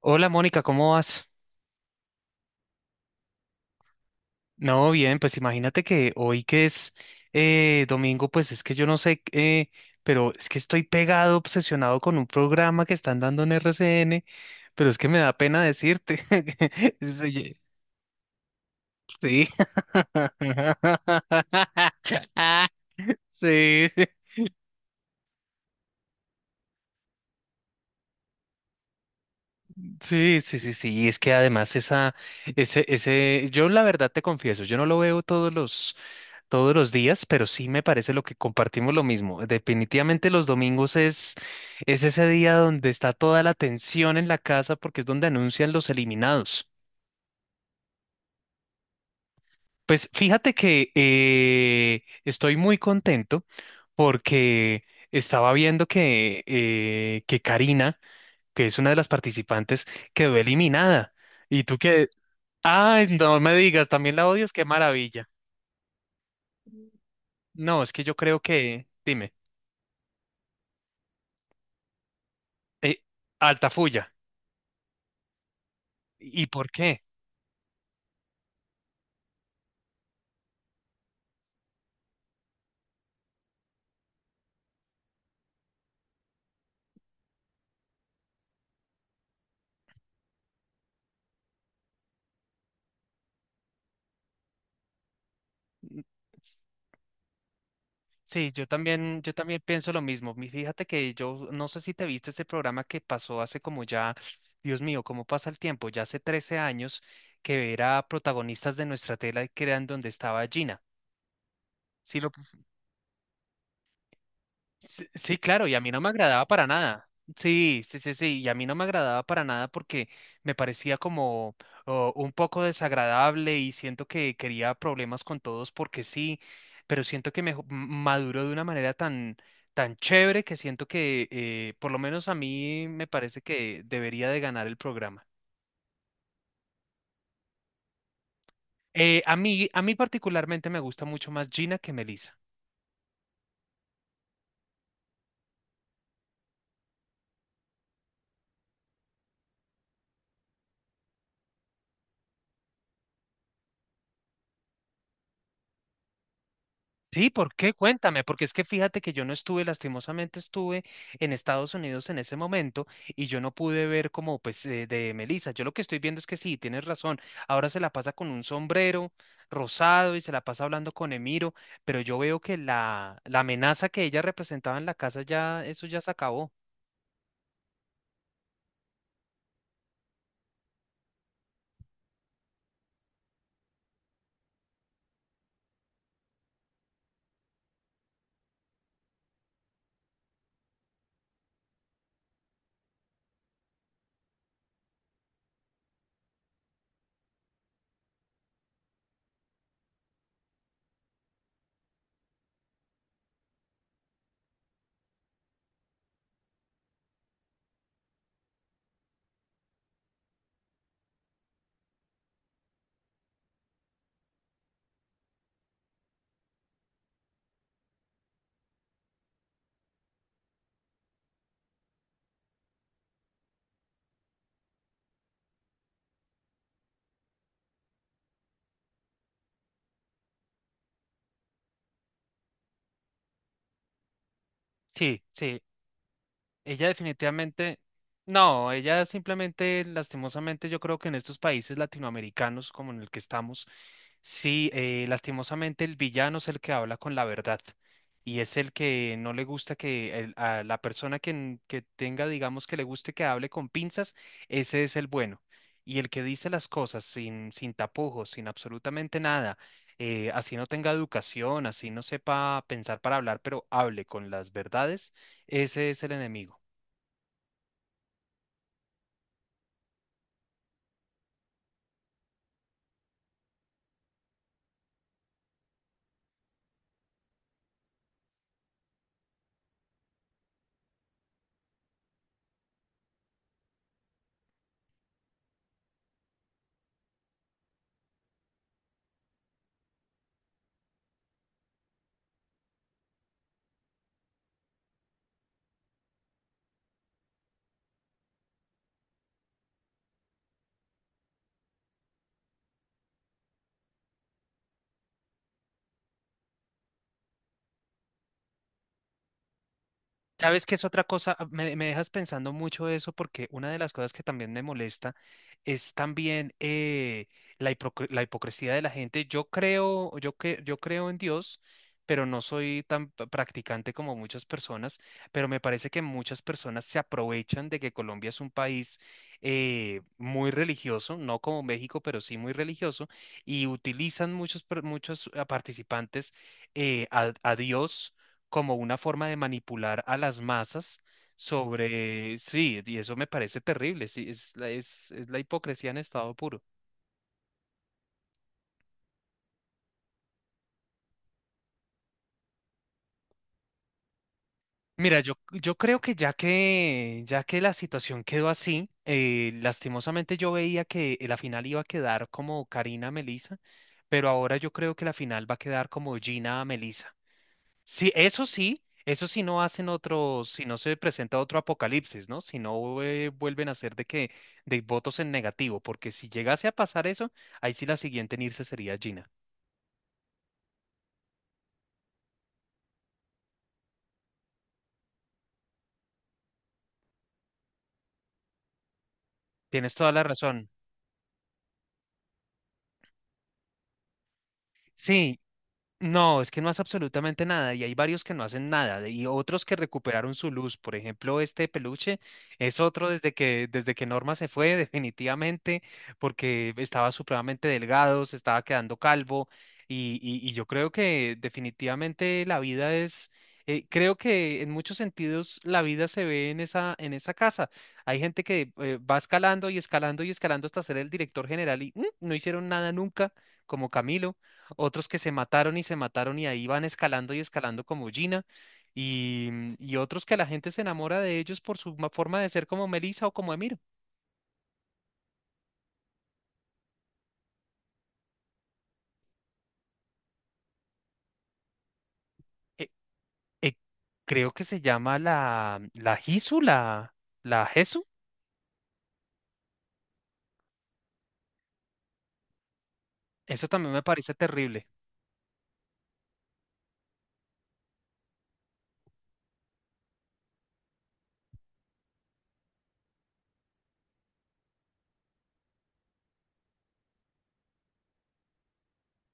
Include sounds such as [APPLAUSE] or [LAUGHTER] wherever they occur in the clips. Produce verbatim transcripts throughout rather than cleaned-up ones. Hola Mónica, ¿cómo vas? No, bien, pues imagínate que hoy que es eh, domingo, pues es que yo no sé, eh, pero es que estoy pegado, obsesionado con un programa que están dando en R C N, pero es que me da pena decirte. [LAUGHS] Sí. Sí, [LAUGHS] sí, sí, sí, sí, sí, es que además esa, ese, ese, yo la verdad te confieso, yo no lo veo todos los todos los días, pero sí me parece lo que compartimos lo mismo. Definitivamente los domingos es, es ese día donde está toda la tensión en la casa porque es donde anuncian los eliminados. Pues fíjate que eh, estoy muy contento porque estaba viendo que, eh, que Karina, que es una de las participantes, quedó eliminada. Y tú que, ay, no me digas, también la odias, qué maravilla. No, es que yo creo que, dime, eh, Altafulla. ¿Y por qué? Sí, yo también, yo también pienso lo mismo. Mi- Fíjate que yo no sé si te viste ese programa que pasó hace como ya, Dios mío, cómo pasa el tiempo, ya hace trece años que era protagonistas de nuestra tela y que eran donde estaba Gina. ¿Sí lo, Sí, sí, claro, y a mí no me agradaba para nada. Sí, sí, sí, sí, y a mí no me agradaba para nada porque me parecía como oh, un poco desagradable y siento que quería problemas con todos porque sí, pero siento que me ju- m- maduró de una manera tan, tan chévere que siento que eh, por lo menos a mí me parece que debería de ganar el programa. Eh, a mí, a mí particularmente me gusta mucho más Gina que Melissa. Sí, ¿por qué? Cuéntame, porque es que fíjate que yo no estuve, lastimosamente estuve en Estados Unidos en ese momento y yo no pude ver como pues eh, de Melissa. Yo lo que estoy viendo es que sí, tienes razón. Ahora se la pasa con un sombrero rosado y se la pasa hablando con Emiro, pero yo veo que la, la amenaza que ella representaba en la casa ya, eso ya se acabó. Sí, sí, ella definitivamente, no, ella simplemente, lastimosamente, yo creo que en estos países latinoamericanos como en el que estamos. Sí, eh, lastimosamente el villano es el que habla con la verdad y es el que no le gusta que el- a la persona que, n- que tenga, digamos, que le guste que hable con pinzas, ese es el bueno. Y el que dice las cosas sin, sin tapujos, sin absolutamente nada, eh, así no tenga educación, así no sepa pensar para hablar, pero hable con las verdades, ese es el enemigo. ¿Sabes qué es otra cosa? Ah, Me, me dejas pensando mucho eso porque una de las cosas que también me molesta es también eh, la, hipocr- la hipocresía de la gente. Yo creo, yo, que, yo creo en Dios, pero no soy tan p- practicante como muchas personas, pero me parece que muchas personas se aprovechan de que Colombia es un país eh, muy religioso, no como México, pero sí muy religioso, y utilizan muchos, per- muchos ah, participantes eh, a a Dios como una forma de manipular a las masas sobre, sí, y eso me parece terrible, sí, es la, es, es la hipocresía en estado puro. Mira, yo, yo creo que ya que, ya que la situación quedó así, eh, lastimosamente yo veía que la final iba a quedar como Karina Melissa, pero ahora yo creo que la final va a quedar como Gina Melissa. Sí, eso sí, eso sí no hacen otro, si no se presenta otro apocalipsis, ¿no? Si no eh, vuelven a hacer de que, de votos en negativo, porque si llegase a pasar eso, ahí sí la siguiente en irse sería Gina. Tienes toda la razón. Sí, no, es que no hace absolutamente nada y hay varios que no hacen nada y otros que recuperaron su luz. Por ejemplo, este peluche es otro desde que, desde que Norma se fue [LAUGHS] definitivamente porque estaba supremamente delgado, se estaba quedando calvo y, y- y yo creo que definitivamente la vida es, eh, creo que en muchos sentidos la vida se ve en esa, en esa casa. Hay gente que eh, va escalando y escalando y escalando hasta ser el director general y mm, no hicieron nada nunca, como Camilo. Otros que se mataron y se mataron y ahí van escalando y escalando como Gina, y, mm, y otros que la gente se enamora de ellos por su ma- forma de ser como Melissa o como Emiro. Eh, eh, creo que se llama la, la Hisu, la, la Jesu. Eso también me parece terrible.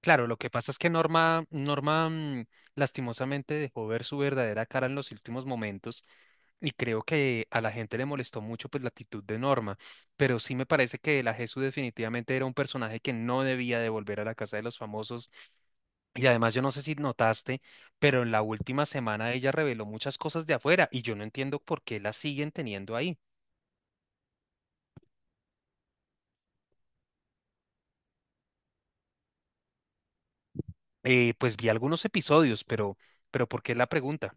Claro, lo que pasa es que Norma, Norma mm, lastimosamente dejó ver su verdadera cara en los últimos momentos y creo que a la gente le molestó mucho pues la actitud de Norma, pero sí me parece que la Jesús definitivamente era un personaje que no debía de volver a la casa de los famosos y además yo no sé si notaste, pero en la última semana ella reveló muchas cosas de afuera y yo no entiendo por qué la siguen teniendo ahí. Eh, pues vi algunos episodios, pero, pero ¿por qué la pregunta?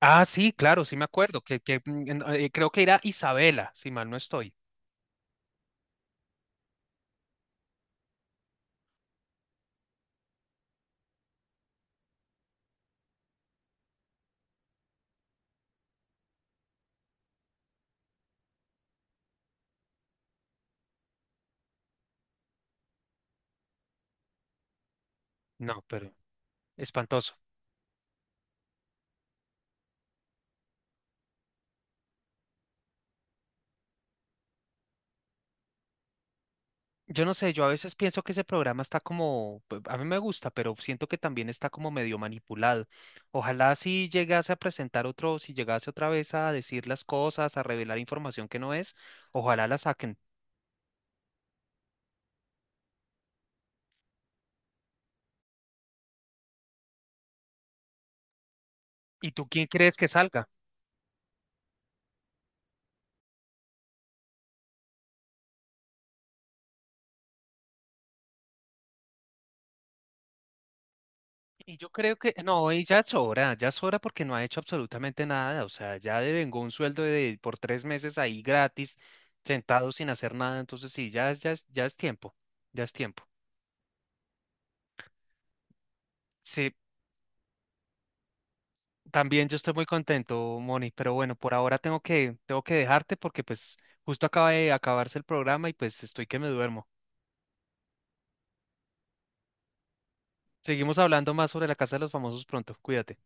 Ah, sí, claro, sí me acuerdo, que, que, mm, en- eh, creo que era Isabela, si mal no estoy. No, pero espantoso. Yo no sé, yo a veces pienso que ese programa está como, pues, a mí me gusta, pero siento que también está como medio manipulado. Ojalá si llegase a presentar otro, si llegase otra vez a decir las cosas, a revelar información que no es, ojalá la saquen. ¿Y tú quién crees que salga? Y yo creo que, no, y ya sobra, ya sobra porque no ha hecho absolutamente nada, o sea, ya devengó un sueldo de por tres meses ahí gratis, sentado sin hacer nada, entonces sí, ya, es- ya, es- ya es tiempo, ya es tiempo. Sí, también yo estoy muy contento, Moni, pero bueno, por ahora tengo que, tengo que dejarte porque pues justo acaba de acabarse el programa y pues estoy que me duermo. Seguimos hablando más sobre la Casa de los Famosos pronto, cuídate.